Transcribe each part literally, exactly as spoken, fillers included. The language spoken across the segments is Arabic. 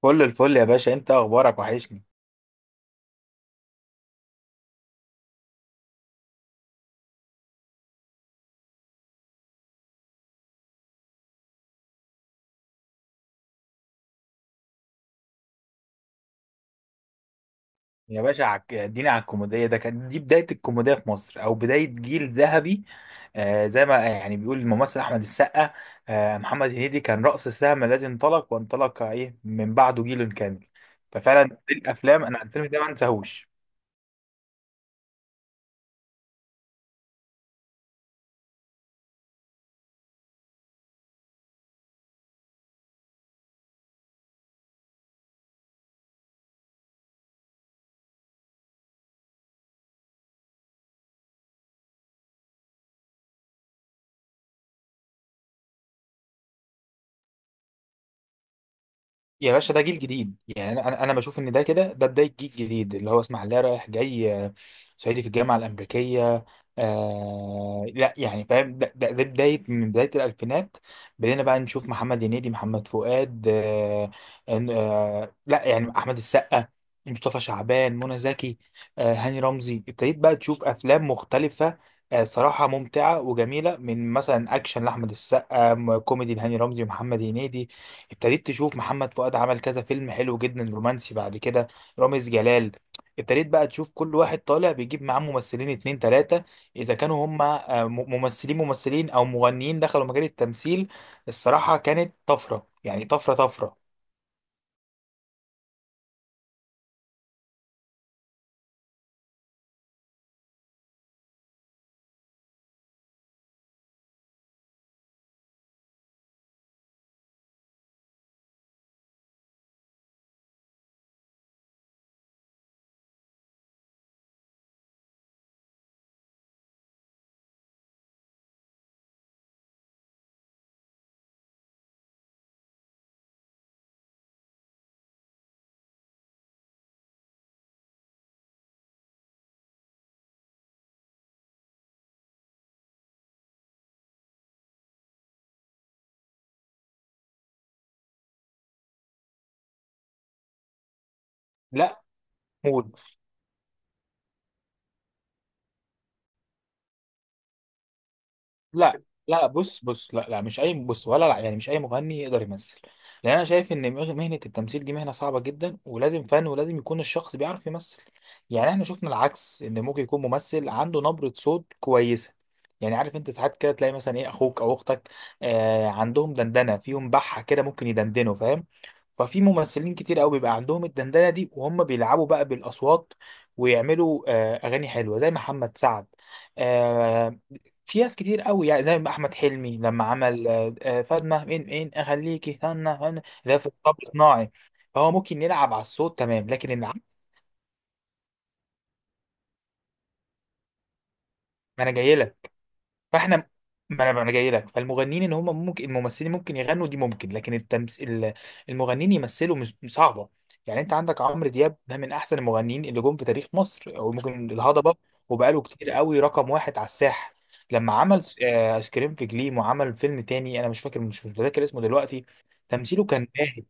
كل الفل يا باشا، انت اخبارك وحشني. يا باشا عك... اديني على الكوميديا، ده كان دي بدايه الكوميديا في مصر او بدايه جيل ذهبي. آه زي ما يعني بيقول الممثل احمد السقا. آه محمد هنيدي كان رأس السهم الذي انطلق، وانطلق ايه من بعده جيل كامل. ففعلا دي الافلام انا الفيلم ده ما انساهوش. يا باشا ده جيل جديد، يعني انا انا أنا بشوف ان ده كده ده بدايه جيل جديد اللي هو اسماعيليه رايح جاي، آه، صعيدي في الجامعه الامريكيه. آه لا يعني فاهم ده, ده, ده بدايه من بدايه الالفينات. بدينا بقى نشوف محمد هنيدي، محمد فؤاد. آه آه لا يعني احمد السقا، مصطفى شعبان، منى زكي. آه هاني رمزي، ابتديت بقى تشوف افلام مختلفه. آه صراحه ممتعه وجميله، من مثلا اكشن لاحمد السقا، م- كوميدي لهاني رمزي ومحمد هنيدي. ابتديت تشوف محمد فؤاد عمل كذا فيلم حلو جدا رومانسي بعد كده، رامز جلال. ابتديت بقى تشوف كل واحد طالع بيجيب معاه ممثلين اتنين تلاتة، اذا كانوا هم، آه، م- ممثلين ممثلين او مغنيين دخلوا مجال التمثيل. الصراحة كانت طفرة، يعني طفرة طفرة. لا، موت. لا لا، بص بص، لا لا، مش اي بص ولا لا، يعني مش اي مغني يقدر يمثل. لان انا شايف ان مغ- مهنه التمثيل دي مهنه صعبه جدا، ولازم فن، ولازم يكون الشخص بيعرف يمثل. يعني احنا شفنا العكس، ان ممكن يكون ممثل عنده نبره صوت كويسه. يعني عارف انت ساعات كده تلاقي مثلا ايه اخوك او اختك، آه عندهم دندنه فيهم، بحه كده ممكن يدندنوا، فاهم؟ ففي ممثلين كتير قوي بيبقى عندهم الدندنه دي، وهم بيلعبوا بقى بالاصوات، ويعملوا آه اغاني حلوه زي محمد سعد. في ناس كتير قوي، يعني زي ما احمد حلمي لما عمل آه، آه، فاطمه، مين مين، اخليكي، هنا هنا، ده في طب صناعي. فهو ممكن يلعب على الصوت تمام، لكن العزف. ما انا جاي، فاحنا، ما انا انا جاي لك، فالمغنيين ان هم ممكن، الممثلين ممكن يغنوا دي ممكن، لكن التمثيل، المغنيين يمثلوا مش مش صعبه. يعني انت عندك عمرو دياب، ده من احسن المغنيين اللي جم في تاريخ مصر، او ممكن الهضبه، وبقاله كتير قوي رقم واحد على الساحه. لما عمل آه، ايس كريم في جليم، وعمل فيلم تاني انا مش فاكر، مش متذكر اسمه دلوقتي. تمثيله كان باهت.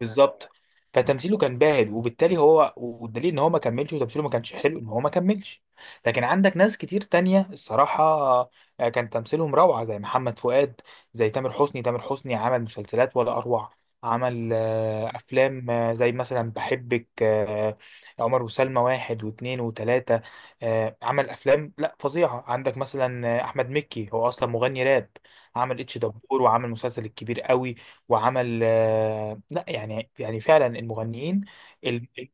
بالظبط. فتمثيله كان باهت، وبالتالي هو، والدليل ان هو ما كملش، وتمثيله ما كانش حلو، ان هو ما كملش. لكن عندك ناس كتير تانية الصراحة، آه، كان تمثيلهم روعة زي محمد فؤاد، زي تامر حسني. تامر حسني عمل مسلسلات ولا أروع. عمل آه، أفلام آه، زي مثلا بحبك، آه، عمر وسلمى واحد واثنين وثلاثة. آه، عمل أفلام لا فظيعة. عندك مثلا آه، أحمد مكي هو أصلا مغني راب. عمل اتش دبور، وعمل مسلسل الكبير قوي. وعمل آه، لا يعني يعني فعلا المغنيين. ال... ال-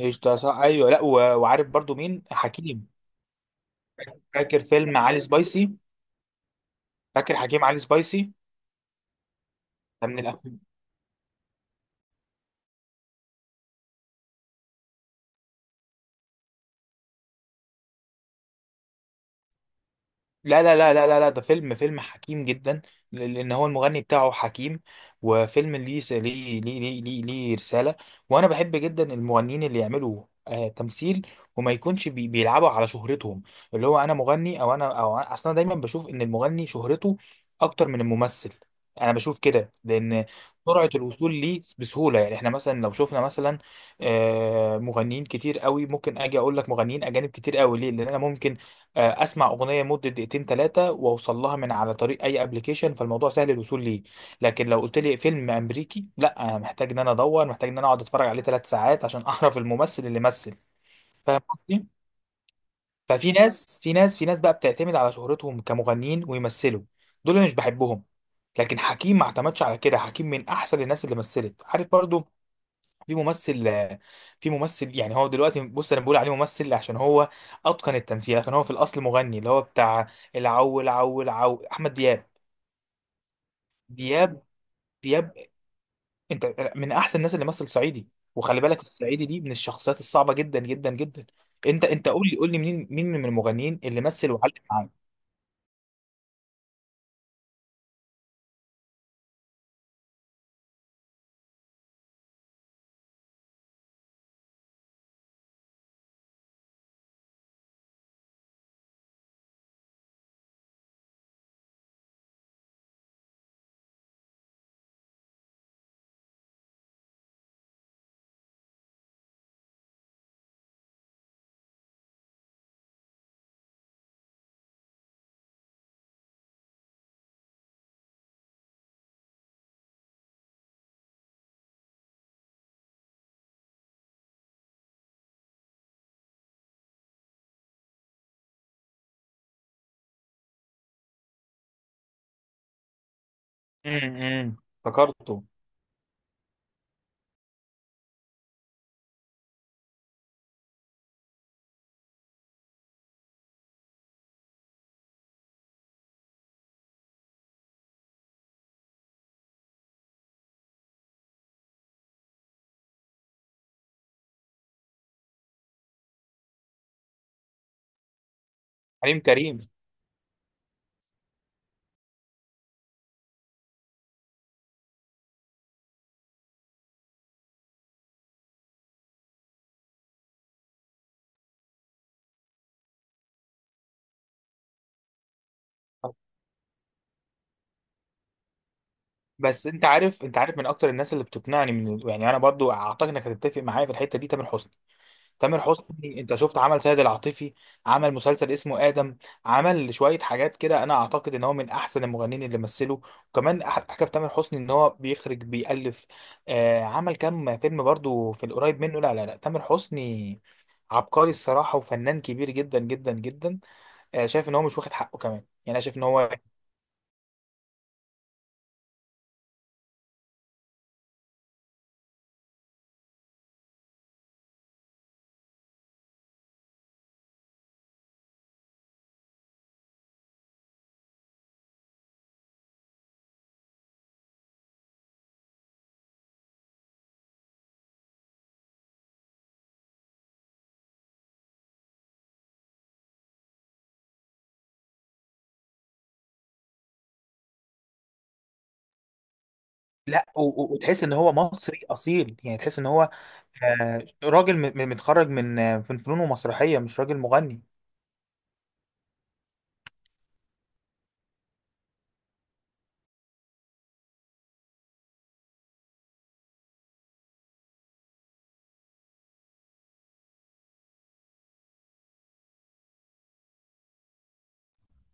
ايش ده؟ صح، ايوه. لا، و- وعارف برضو مين؟ حكيم. فاكر فيلم علي سبايسي؟ فاكر حكيم علي سبايسي؟ ده من الافلام. لا لا لا لا لا لا، ده فيلم فيلم حكيم جدا، لان هو المغني بتاعه حكيم. وفيلم ليه س- ليه ليه ليه ليه, ليه رسالة. وانا بحب جدا المغنيين اللي يعملوا آه تمثيل، وما يكونش بي بيلعبوا على شهرتهم. اللي هو، انا مغني، او انا او أنا- اصلا دايما بشوف ان المغني شهرته اكتر من الممثل. انا بشوف كده، لان سرعة الوصول ليه بسهولة. يعني احنا مثلا لو شفنا مثلا آه مغنيين كتير قوي، ممكن اجي اقول لك مغنيين اجانب كتير قوي. ليه؟ لان انا ممكن آه، اسمع اغنيه مده دقيقتين ثلاثه، واوصل لها من على طريق اي ابلكيشن، فالموضوع سهل الوصول ليه. لكن لو قلت لي فيلم امريكي، لا، انا محتاج ان انا ادور، محتاج ان انا اقعد اتفرج عليه ثلاث ساعات عشان اعرف الممثل اللي مثل. فاهم قصدي؟ ففي ناس في ناس في ناس بقى بتعتمد على شهرتهم كمغنيين ويمثلوا، دول أنا مش بحبهم. لكن حكيم ما اعتمدش على كده، حكيم من احسن الناس اللي مثلت، عارف برضو. في ممثل في ممثل، يعني هو دلوقتي، بص، انا بقول عليه ممثل عشان هو اتقن التمثيل، عشان هو في الاصل مغني، اللي هو بتاع العو العو العو احمد دياب. دياب دياب انت من احسن الناس اللي مثل صعيدي، وخلي بالك الصعيدي دي من الشخصيات الصعبه جدا جدا جدا. انت انت قول لي قول لي مين مين من المغنيين اللي مثل وعلم معاك. امم. افتكرته. حليم كريم. بس انت عارف انت عارف، من اكتر الناس اللي بتقنعني، من يعني، انا برضو اعتقد انك هتتفق معايا في الحته دي، تامر حسني. تامر حسني، انت شفت عمل سيد العاطفي، عمل مسلسل اسمه آدم، عمل شوية حاجات كده، انا اعتقد ان هو من احسن المغنيين اللي مثلوا. وكمان أح- حاجة في تامر حسني ان هو بيخرج بيألف. آه عمل كام فيلم برضو في القريب منه. لا لا لا، تامر حسني عبقري الصراحة، وفنان كبير جدا جدا جدا. آه شايف ان هو مش واخد حقه كمان، يعني انا شايف ان هو، لا، و- و- وتحس ان هو مصري اصيل، يعني تحس ان هو آه راجل م- م- متخرج من آه، من فنون ومسرحية، مش راجل مغني.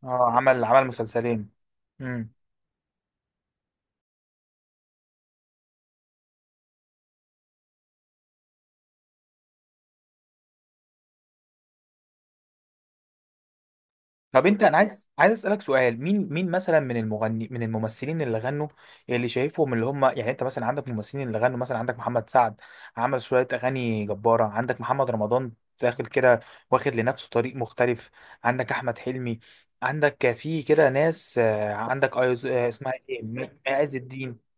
اه عمل عمل مسلسلين. امم. طب انت انا عايز عايز اسالك سؤال، مين مين مثلا من المغني من الممثلين اللي غنوا اللي شايفهم اللي هم، يعني انت مثلا عندك ممثلين اللي غنوا، مثلا عندك محمد سعد عمل شويه اغاني جباره، عندك محمد رمضان داخل كده واخد لنفسه طريق مختلف، عندك احمد حلمي، عندك في كده ناس، آه، عندك ايز آه، اسمها ايه، م- عز الدين.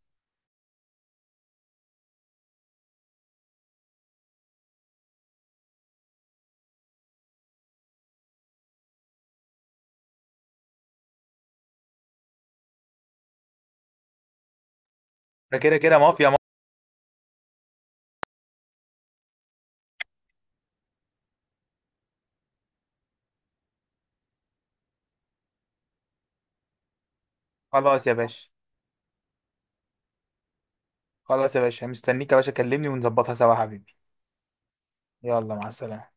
ده كده كده مافيا مافيا. خلاص يا باشا، خلاص يا باشا، مستنيك يا باشا، كلمني ونظبطها سوا يا حبيبي. يلا، مع السلامه.